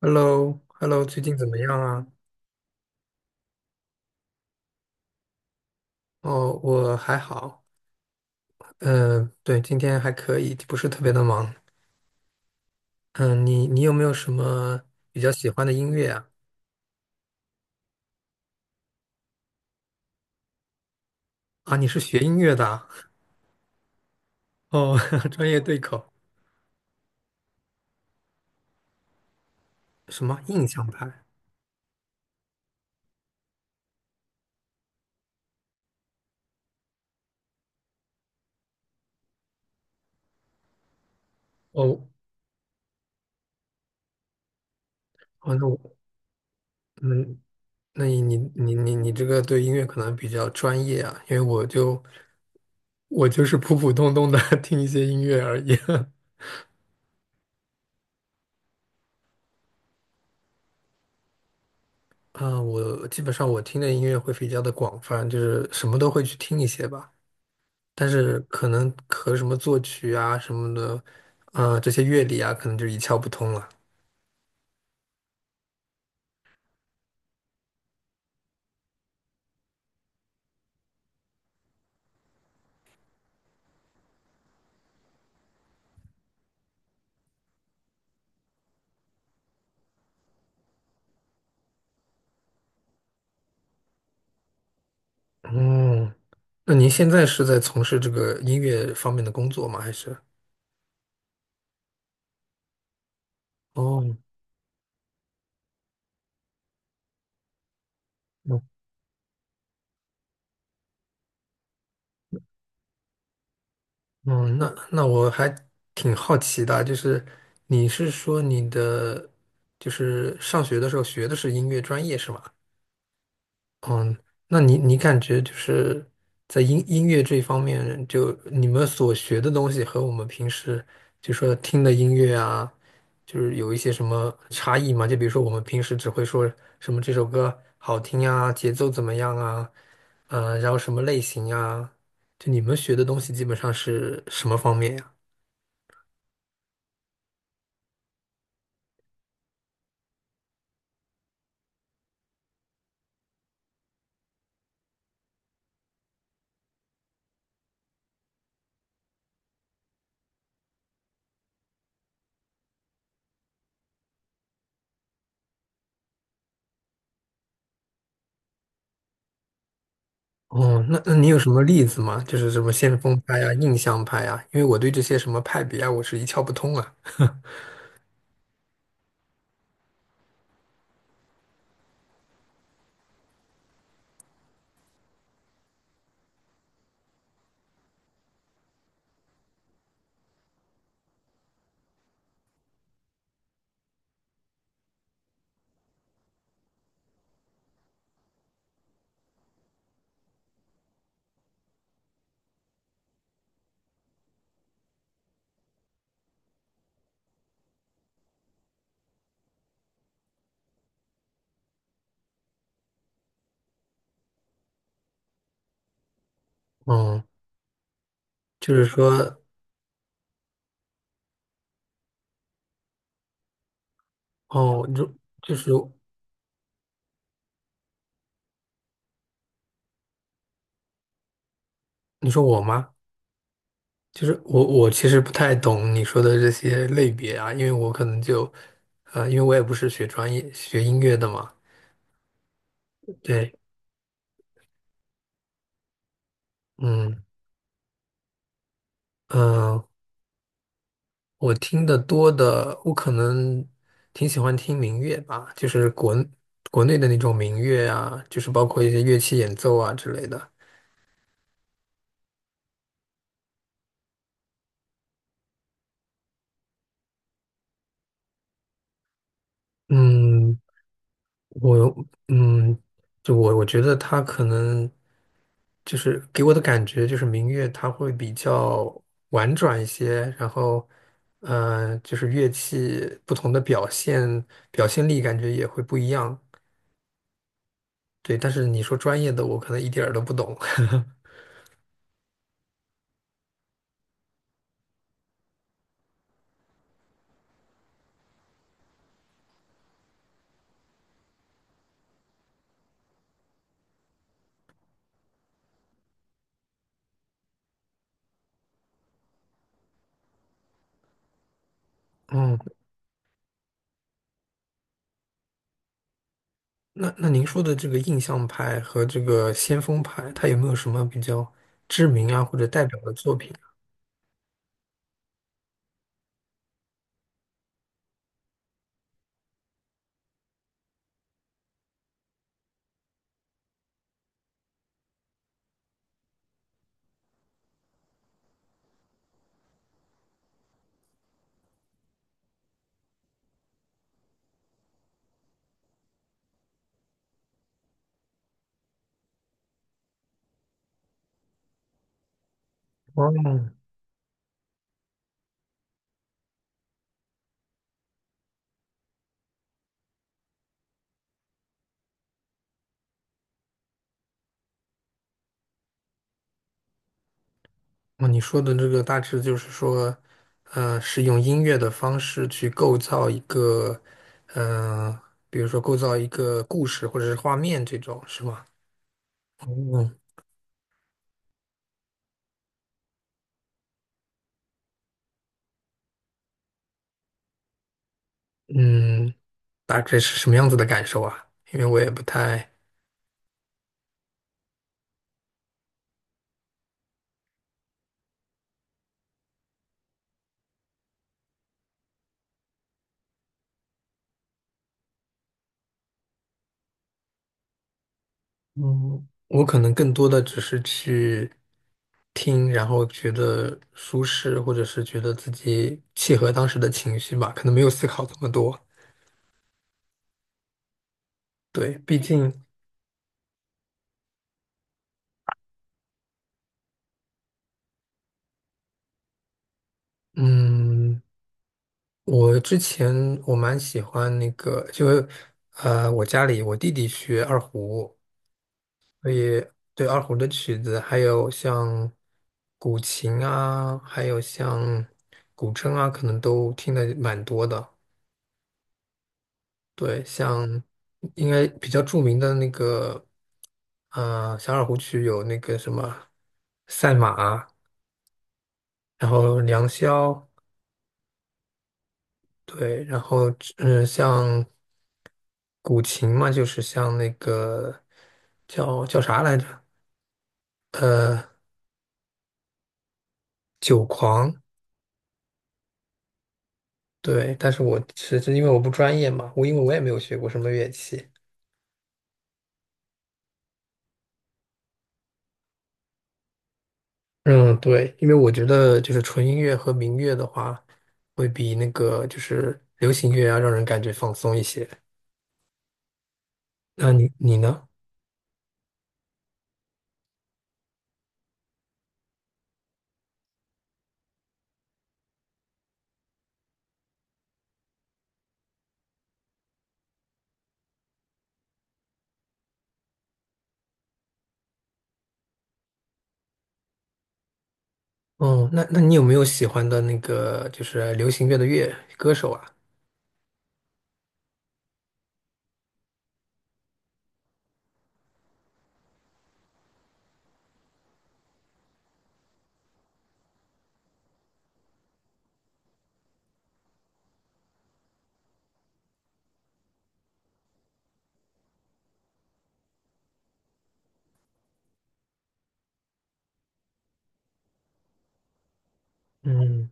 Hello,Hello，最近怎么样啊？哦，我还好，嗯、对，今天还可以，不是特别的忙。你有没有什么比较喜欢的音乐啊？啊，你是学音乐的啊。 哦，专业对口。什么印象派？哦。哦，那我，嗯，那你这个对音乐可能比较专业啊，因为我就是普普通通的 听一些音乐而已。啊，我基本上我听的音乐会比较的广泛，就是什么都会去听一些吧。但是可能和什么作曲啊什么的，啊、这些乐理啊，可能就一窍不通了。嗯，那您现在是在从事这个音乐方面的工作吗？还是？哦。嗯。那我还挺好奇的，就是你是说你的就是上学的时候学的是音乐专业是吗？那你你感觉就是在音乐这一方面，就你们所学的东西和我们平时就说听的音乐啊，就是有一些什么差异吗？就比如说我们平时只会说什么这首歌好听啊，节奏怎么样啊，然后什么类型啊，就你们学的东西基本上是什么方面呀？哦，那那你有什么例子吗？就是什么先锋派啊、印象派啊，因为我对这些什么派别啊，我是一窍不通啊。嗯，就是说，哦，你说就是你说我吗？就是我，我其实不太懂你说的这些类别啊，因为我可能就，因为我也不是学专业学音乐的嘛。对。嗯嗯。我听得多的，我可能挺喜欢听民乐吧，就是国内的那种民乐啊，就是包括一些乐器演奏啊之类的。嗯，我嗯，就我觉得他可能。就是给我的感觉就是民乐它会比较婉转一些，然后，就是乐器不同的表现力感觉也会不一样。对，但是你说专业的，我可能一点儿都不懂。嗯，那那您说的这个印象派和这个先锋派，它有没有什么比较知名啊或者代表的作品？哦，那你说的这个大致就是说，是用音乐的方式去构造一个，呃，比如说构造一个故事或者是画面这种，是吗？嗯。嗯，大致是什么样子的感受啊？因为我也不太，嗯，我可能更多的只是去听，然后觉得舒适，或者是觉得自己契合当时的情绪吧，可能没有思考这么多。对，毕竟，嗯。我之前我蛮喜欢那个，我家里我弟弟学二胡，所以对二胡的曲子，还有像古琴啊，还有像古筝啊，可能都听的蛮多的。对，像应该比较著名的那个，小二胡曲有那个什么赛马，然后良宵。对，然后像古琴嘛，就是像那个叫叫啥来着？呃，酒狂。对，但是我其实因为我不专业嘛，我因为我也没有学过什么乐器。嗯，对，因为我觉得就是纯音乐和民乐的话，会比那个就是流行乐要让人感觉放松一些。那你你呢？哦，那那你有没有喜欢的那个就是流行乐的乐歌手啊？嗯，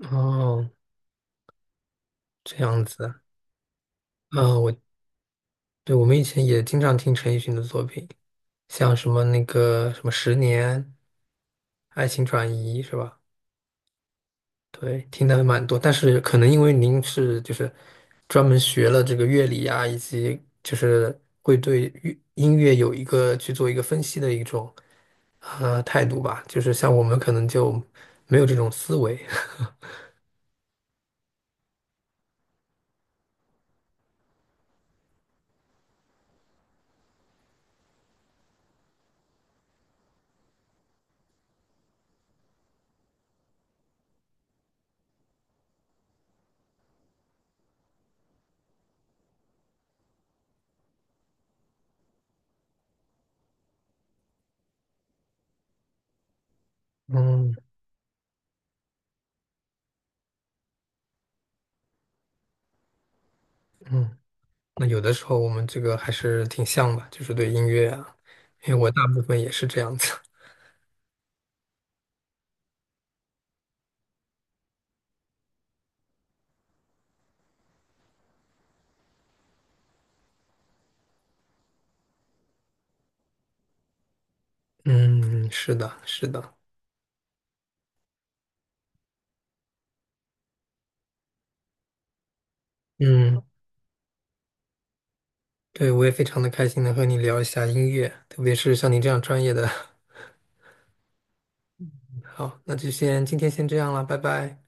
哦，这样子。嗯，我对我们以前也经常听陈奕迅的作品，像什么那个什么《十年》《爱情转移》是吧？对，听的还蛮多，但是可能因为您是就是专门学了这个乐理啊，以及就是会对乐音乐有一个去做一个分析的一种态度吧，就是像我们可能就没有这种思维。嗯嗯，那有的时候我们这个还是挺像的，就是对音乐啊，因为我大部分也是这样子。嗯，是的，是的，嗯，对，我也非常的开心能和你聊一下音乐，特别是像你这样专业的。好，那就先今天先这样了，拜拜。